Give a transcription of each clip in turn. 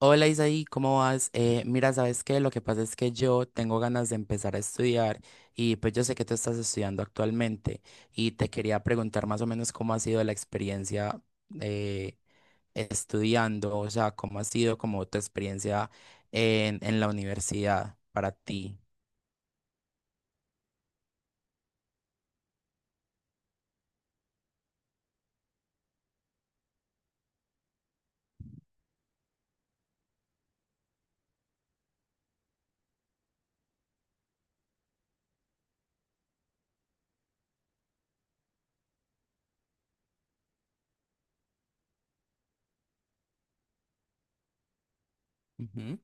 Hola Isaí, ¿cómo vas? Mira, ¿sabes qué? Lo que pasa es que yo tengo ganas de empezar a estudiar y pues yo sé que tú estás estudiando actualmente y te quería preguntar más o menos cómo ha sido la experiencia eh, estudiando, o sea, cómo ha sido como tu experiencia en la universidad para ti. Ujú.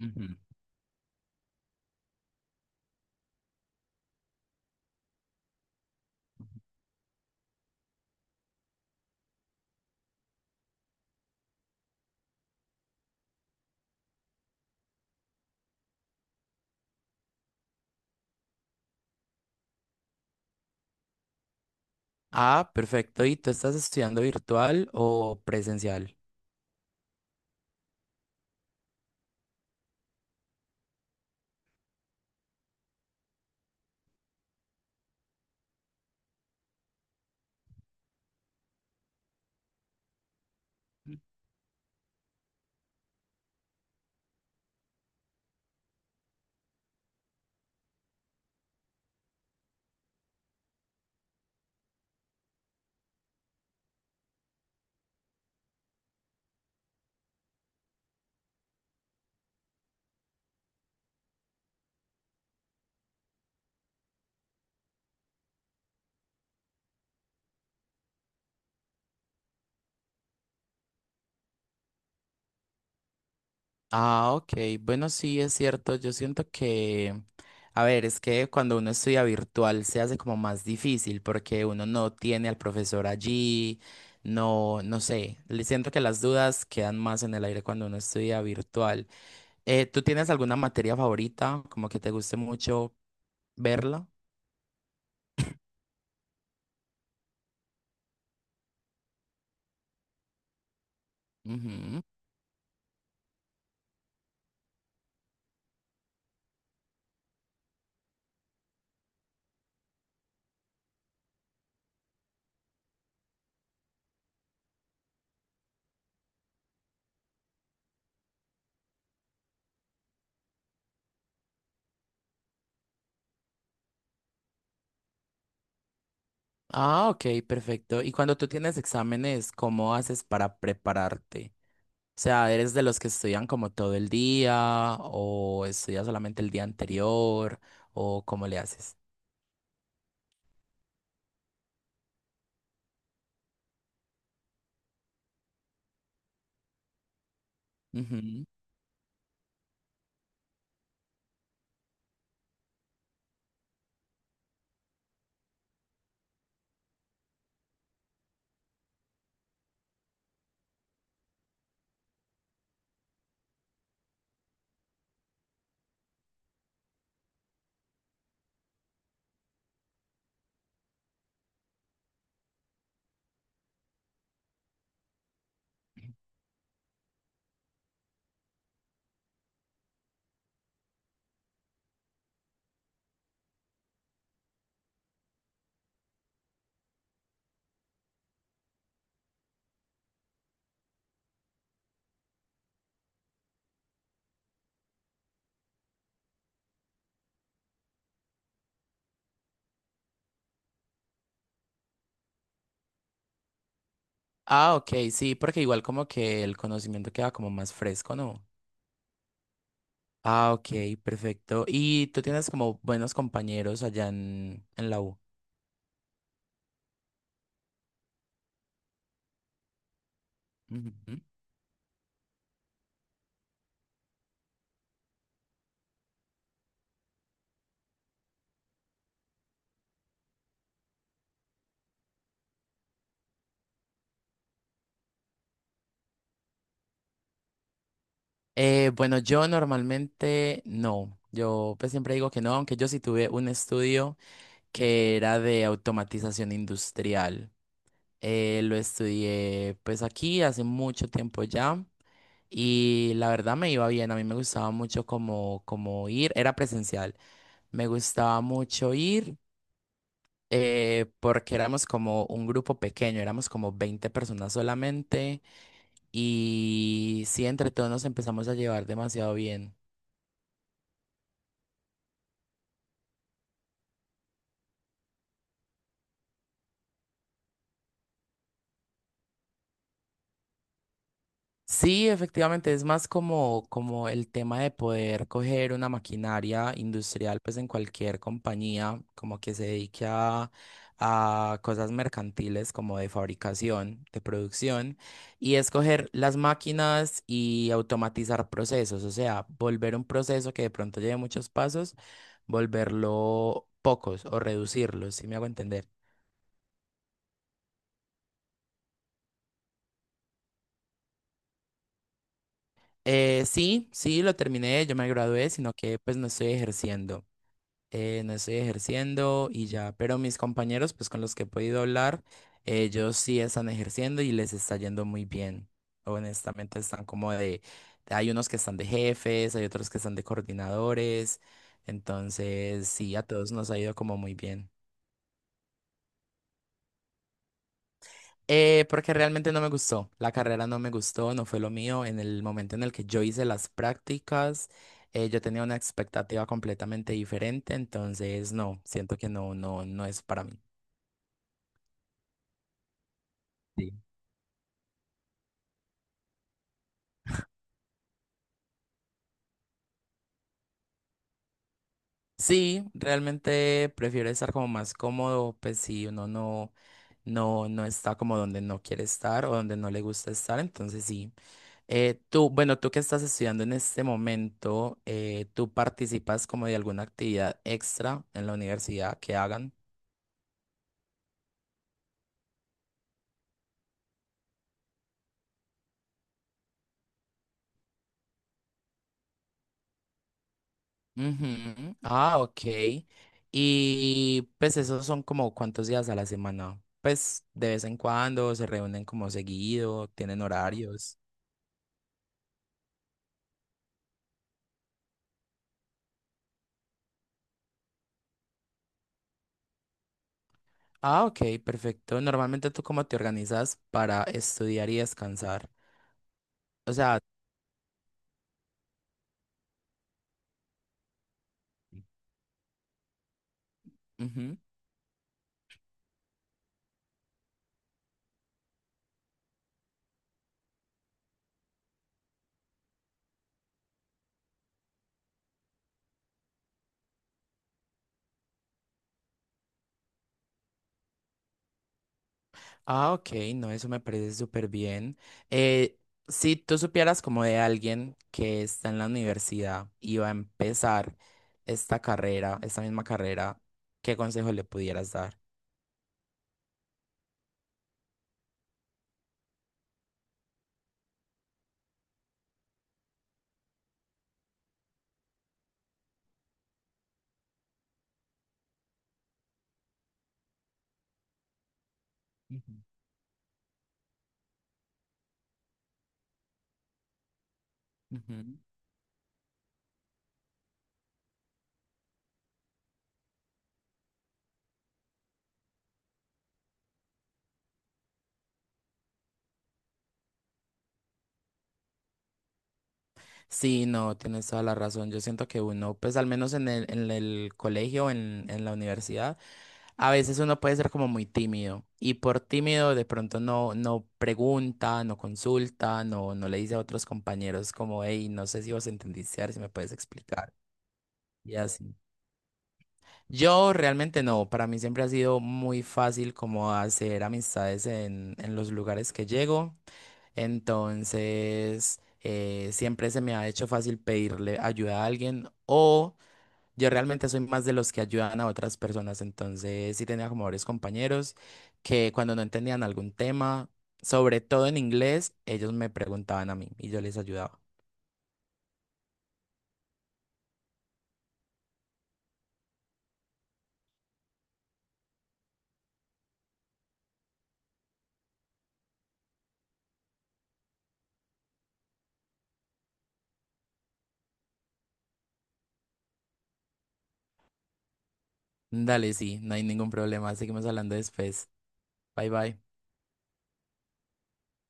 Ujú. Ah, perfecto. ¿Y tú estás estudiando virtual o presencial? Ah, ok. Bueno, sí, es cierto. Yo siento que, a ver, es que cuando uno estudia virtual se hace como más difícil porque uno no tiene al profesor allí, no sé. Le siento que las dudas quedan más en el aire cuando uno estudia virtual. ¿Tú tienes alguna materia favorita, como que te guste mucho verla? Ujú. Ah, ok, perfecto. ¿Y cuando tú tienes exámenes, cómo haces para prepararte? O sea, ¿eres de los que estudian como todo el día o estudias solamente el día anterior o cómo le haces? Ujú. Ah, ok, sí, porque igual como que el conocimiento queda como más fresco, ¿no? Ah, ok, perfecto. ¿Y tú tienes como buenos compañeros allá en la U? Ujú. Bueno, yo normalmente no. Yo pues siempre digo que no, aunque yo sí tuve un estudio que era de automatización industrial. Lo estudié pues aquí hace mucho tiempo ya y la verdad me iba bien, a mí me gustaba mucho como, como ir, era presencial, me gustaba mucho ir porque éramos como un grupo pequeño, éramos como 20 personas solamente y sí, entre todos nos empezamos a llevar demasiado bien. Sí, efectivamente, es más como, como el tema de poder coger una maquinaria industrial, pues en cualquier compañía, como que se dedique a cosas mercantiles como de fabricación, de producción, y escoger las máquinas y automatizar procesos, o sea, volver un proceso que de pronto lleve muchos pasos, volverlo pocos o reducirlos, si me hago entender. Sí, sí, lo terminé, yo me gradué, sino que pues no estoy ejerciendo. No estoy ejerciendo y ya, pero mis compañeros, pues con los que he podido hablar, ellos sí están ejerciendo y les está yendo muy bien. Honestamente, están como de, hay unos que están de jefes, hay otros que están de coordinadores, entonces sí, a todos nos ha ido como muy bien. Porque realmente no me gustó, la carrera no me gustó, no fue lo mío. En el momento en el que yo hice las prácticas, yo tenía una expectativa completamente diferente, entonces no, siento que no es para mí. Sí, realmente prefiero estar como más cómodo, pues si uno no, no está como donde no quiere estar o donde no le gusta estar, entonces sí. Tú, bueno, tú que estás estudiando en este momento, ¿tú participas como de alguna actividad extra en la universidad que hagan? Ujú. Ah, ok. Y pues esos son como cuántos días a la semana. Pues de vez en cuando se reúnen como seguido, tienen horarios. Ah, ok, perfecto. Normalmente tú cómo te organizas para estudiar y descansar. O sea, ujú. Ah, ok, no, eso me parece súper bien. Eh, si tú supieras como de alguien que está en la universidad y va a empezar esta carrera, esta misma carrera, ¿qué consejo le pudieras dar? Ujú. Sí, no, tienes toda la razón. Yo siento que uno, pues al menos en el colegio, en la universidad, a veces uno puede ser como muy tímido y por tímido de pronto no, no pregunta, no consulta, no le dice a otros compañeros como, hey, no sé si vos entendiste, a ver si me puedes explicar. Y así. Yo realmente no, para mí siempre ha sido muy fácil como hacer amistades en los lugares que llego. Entonces, siempre se me ha hecho fácil pedirle ayuda a alguien o yo realmente soy más de los que ayudan a otras personas. Entonces, sí tenía como varios compañeros que cuando no entendían algún tema, sobre todo en inglés, ellos me preguntaban a mí y yo les ayudaba. Dale, sí, no hay ningún problema. Seguimos hablando después. Bye bye.